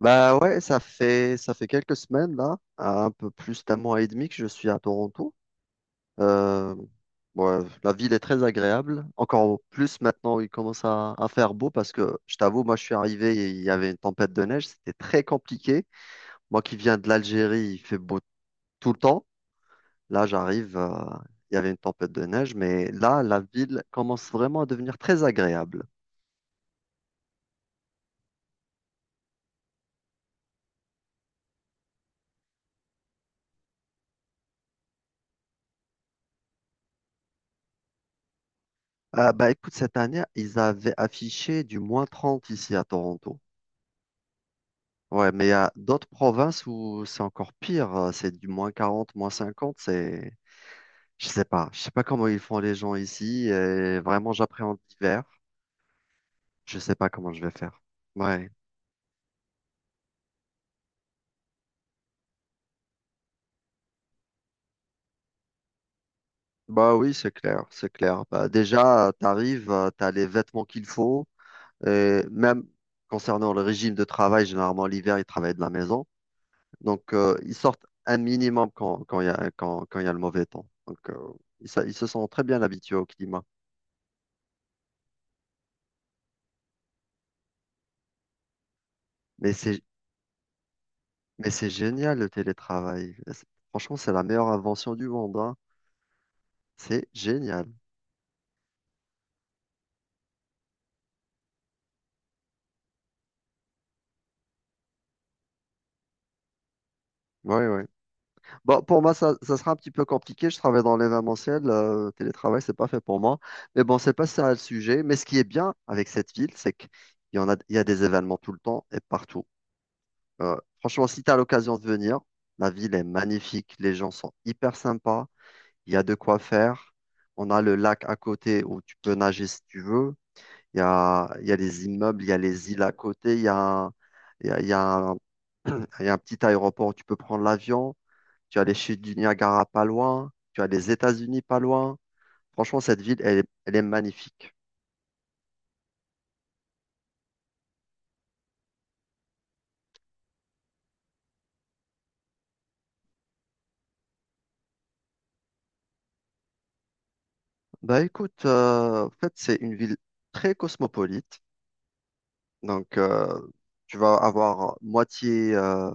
Bah ouais, ça fait quelques semaines là, un peu plus d'un mois et demi que je suis à Toronto. Euh, ouais, la ville est très agréable. Encore plus maintenant, il commence à faire beau parce que je t'avoue, moi je suis arrivé et il y avait une tempête de neige, c'était très compliqué. Moi qui viens de l'Algérie, il fait beau tout le temps. Là, j'arrive, il y avait une tempête de neige, mais là, la ville commence vraiment à devenir très agréable. Bah écoute, cette année, ils avaient affiché du -30 ici à Toronto. Ouais, mais il y a d'autres provinces où c'est encore pire. C'est du -40, -50. Je sais pas. Je sais pas comment ils font les gens ici. Et vraiment, j'appréhende l'hiver. Je sais pas comment je vais faire. Ouais. Bah oui, c'est clair, c'est clair. Bah déjà, t'arrives, t'as les vêtements qu'il faut. Et même concernant le régime de travail, généralement l'hiver, ils travaillent de la maison. Donc, ils sortent un minimum quand il y a, quand il y a le mauvais temps. Donc, ils se sont très bien habitués au climat. Mais c'est Mais c'est génial le télétravail. Franchement, c'est la meilleure invention du monde, hein. C'est génial. Oui, oui. Bon, pour moi, ça sera un petit peu compliqué. Je travaille dans l'événementiel. Le télétravail, c'est pas fait pour moi. Mais bon, c'est pas ça le sujet. Mais ce qui est bien avec cette ville, c'est qu'il y en a, il y a des événements tout le temps et partout. Franchement, si tu as l'occasion de venir, la ville est magnifique. Les gens sont hyper sympas. Il y a de quoi faire. On a le lac à côté où tu peux nager si tu veux. Il y a les immeubles, il y a les îles à côté, il y a un, il y a un petit aéroport où tu peux prendre l'avion. Tu as les chutes du Niagara pas loin. Tu as les États-Unis pas loin. Franchement, cette ville, elle est magnifique. Bah écoute, en fait, c'est une ville très cosmopolite. Donc, tu vas avoir moitié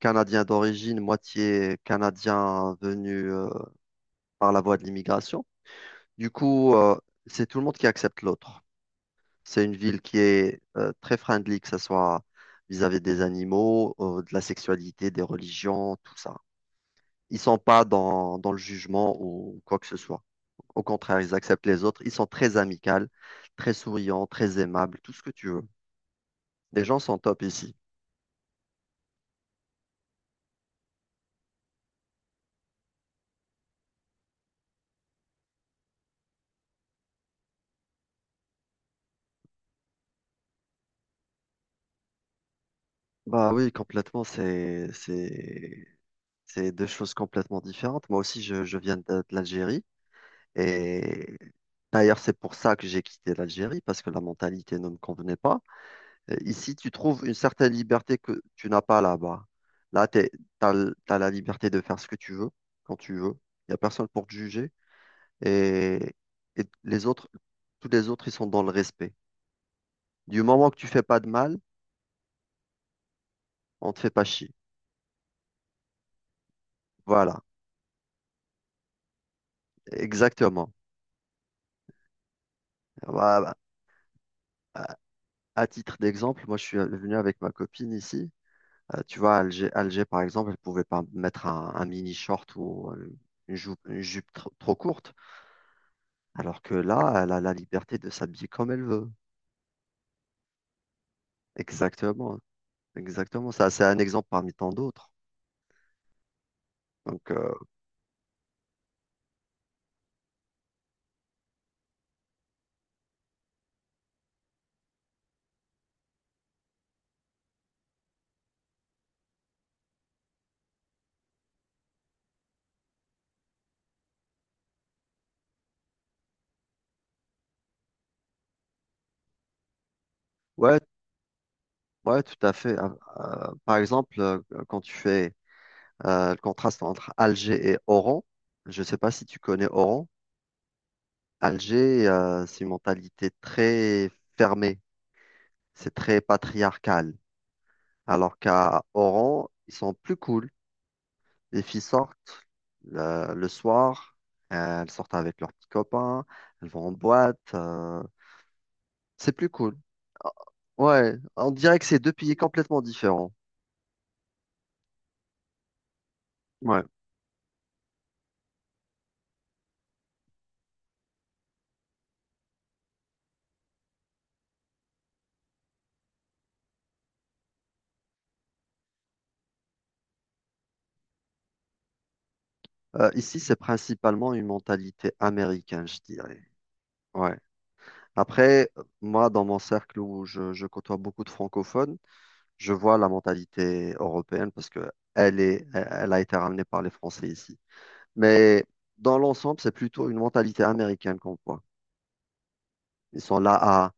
Canadien d'origine, moitié Canadien venu par la voie de l'immigration. Du coup, c'est tout le monde qui accepte l'autre. C'est une ville qui est très friendly, que ce soit vis-à-vis des animaux, de la sexualité, des religions, tout ça. Ils sont pas dans le jugement ou quoi que ce soit. Au contraire, ils acceptent les autres. Ils sont très amicaux, très souriants, très aimables, tout ce que tu veux. Les gens sont top ici. Bah oui, complètement, c'est deux choses complètement différentes. Moi aussi, je viens de l'Algérie. Et d'ailleurs, c'est pour ça que j'ai quitté l'Algérie, parce que la mentalité ne me convenait pas. Et ici, tu trouves une certaine liberté que tu n'as pas là-bas. Là, tu as, la liberté de faire ce que tu veux, quand tu veux. Il n'y a personne pour te juger. Et, et les autres, tous les autres, ils sont dans le respect. Du moment que tu fais pas de mal, on te fait pas chier. Voilà, exactement. Voilà. Bah, À à titre d'exemple, moi, je suis venu avec ma copine ici. Tu vois, à Alger, Alger, par exemple, elle pouvait pas mettre un mini short ou une jupe trop courte. Alors que là, elle a la liberté de s'habiller comme elle veut. Exactement, exactement. Ça, c'est un exemple parmi tant d'autres. Donc, ouais, ouais, tout à fait. Par exemple, quand tu fais le contraste entre Alger et Oran, je ne sais pas si tu connais Oran. Alger, c'est une mentalité très fermée, c'est très patriarcal. Alors qu'à Oran, ils sont plus cool. Les filles sortent le soir, elles sortent avec leurs petits copains, elles vont en boîte. C'est plus cool. Ouais, on dirait que c'est deux pays complètement différents. Ouais. Ici, c'est principalement une mentalité américaine, je dirais. Ouais. Après, moi, dans mon cercle où je côtoie beaucoup de francophones, je vois la mentalité européenne parce que elle est, elle elle a été ramenée par les Français ici. Mais dans l'ensemble, c'est plutôt une mentalité américaine qu'on voit. Ils sont là.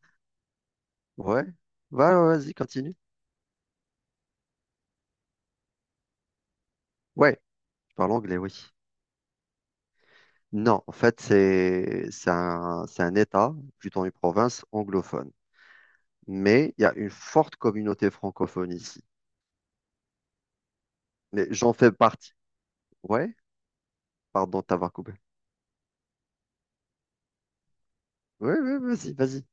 Ouais, vas-y, continue. Ouais, je parle anglais, oui. Non, en fait, c'est un État, plutôt une province anglophone. Mais il y a une forte communauté francophone ici. Mais j'en fais partie. Ouais, pardon de t'avoir coupé. Oui, ouais, vas-y, vas-y.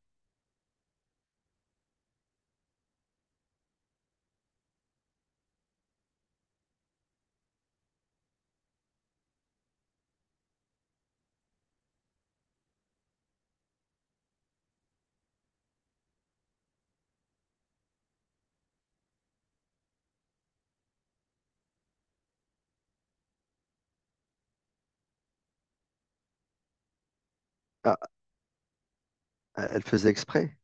Ah, elle faisait exprès.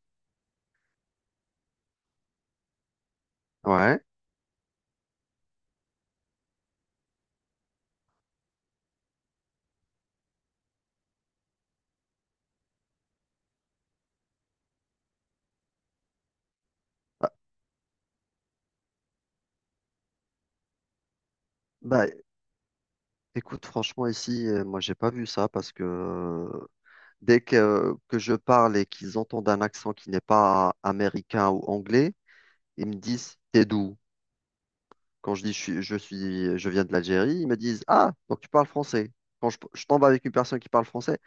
Ouais. Bah, écoute, franchement, ici, moi, j'ai pas vu ça parce que dès que je parle et qu'ils entendent un accent qui n'est pas américain ou anglais, ils me disent, t'es d'où? Quand je dis je viens de l'Algérie, ils me disent, ah, donc tu parles français. Quand je tombe avec une personne qui parle français,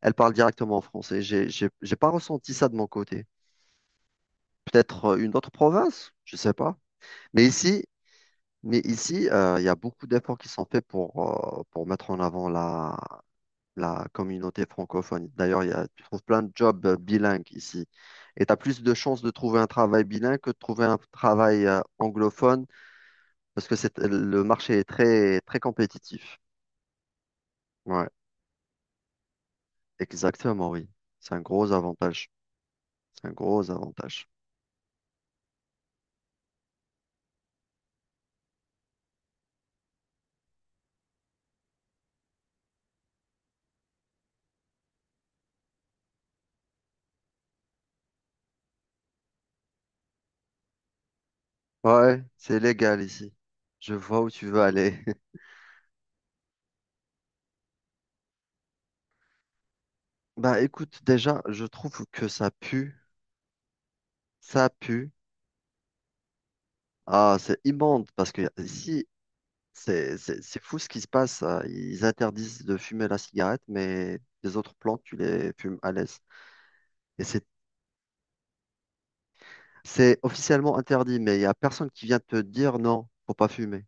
elle parle directement en français. J'ai pas ressenti ça de mon côté. Peut-être une autre province, je sais pas. Mais ici, mais ici, il y a beaucoup d'efforts qui sont faits pour mettre en avant la communauté francophone. D'ailleurs, il y a, tu trouves plein de jobs bilingues ici. Et tu as plus de chances de trouver un travail bilingue que de trouver un travail anglophone parce que le marché est très, très compétitif. Ouais, exactement, oui. C'est un gros avantage. C'est un gros avantage. Ouais, c'est légal ici. Je vois où tu veux aller. Bah écoute, déjà, je trouve que ça pue. Ça pue. Ah, c'est immonde parce que ici, c'est fou ce qui se passe. Ils interdisent de fumer la cigarette, mais les autres plantes, tu les fumes à l'aise. Et c'est officiellement interdit, mais il n'y a personne qui vient te dire non, faut pas fumer.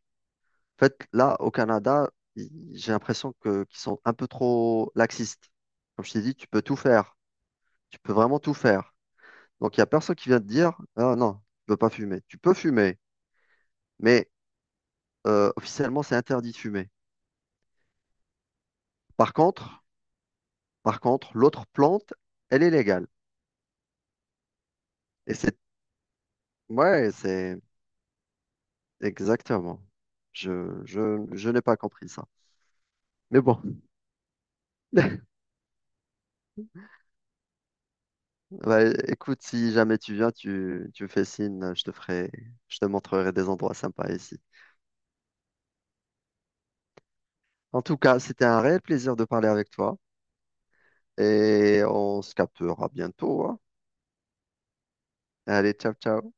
En fait, là, au Canada, i- j'ai l'impression que qu'ils sont un peu trop laxistes. Comme je t'ai dit, tu peux tout faire. Tu peux vraiment tout faire. Donc, il n'y a personne qui vient te dire, ah non, tu peux pas fumer. Tu peux fumer, mais officiellement, c'est interdit de fumer. Par contre, Par contre, l'autre plante, elle est légale. Et c'est, ouais, c'est exactement. Je n'ai pas compris ça. Mais bon, bah, écoute, si jamais tu viens, tu me fais signe, je te montrerai des endroits sympas ici. En tout cas, c'était un réel plaisir de parler avec toi et on se captera bientôt, hein. Allez, ciao, ciao.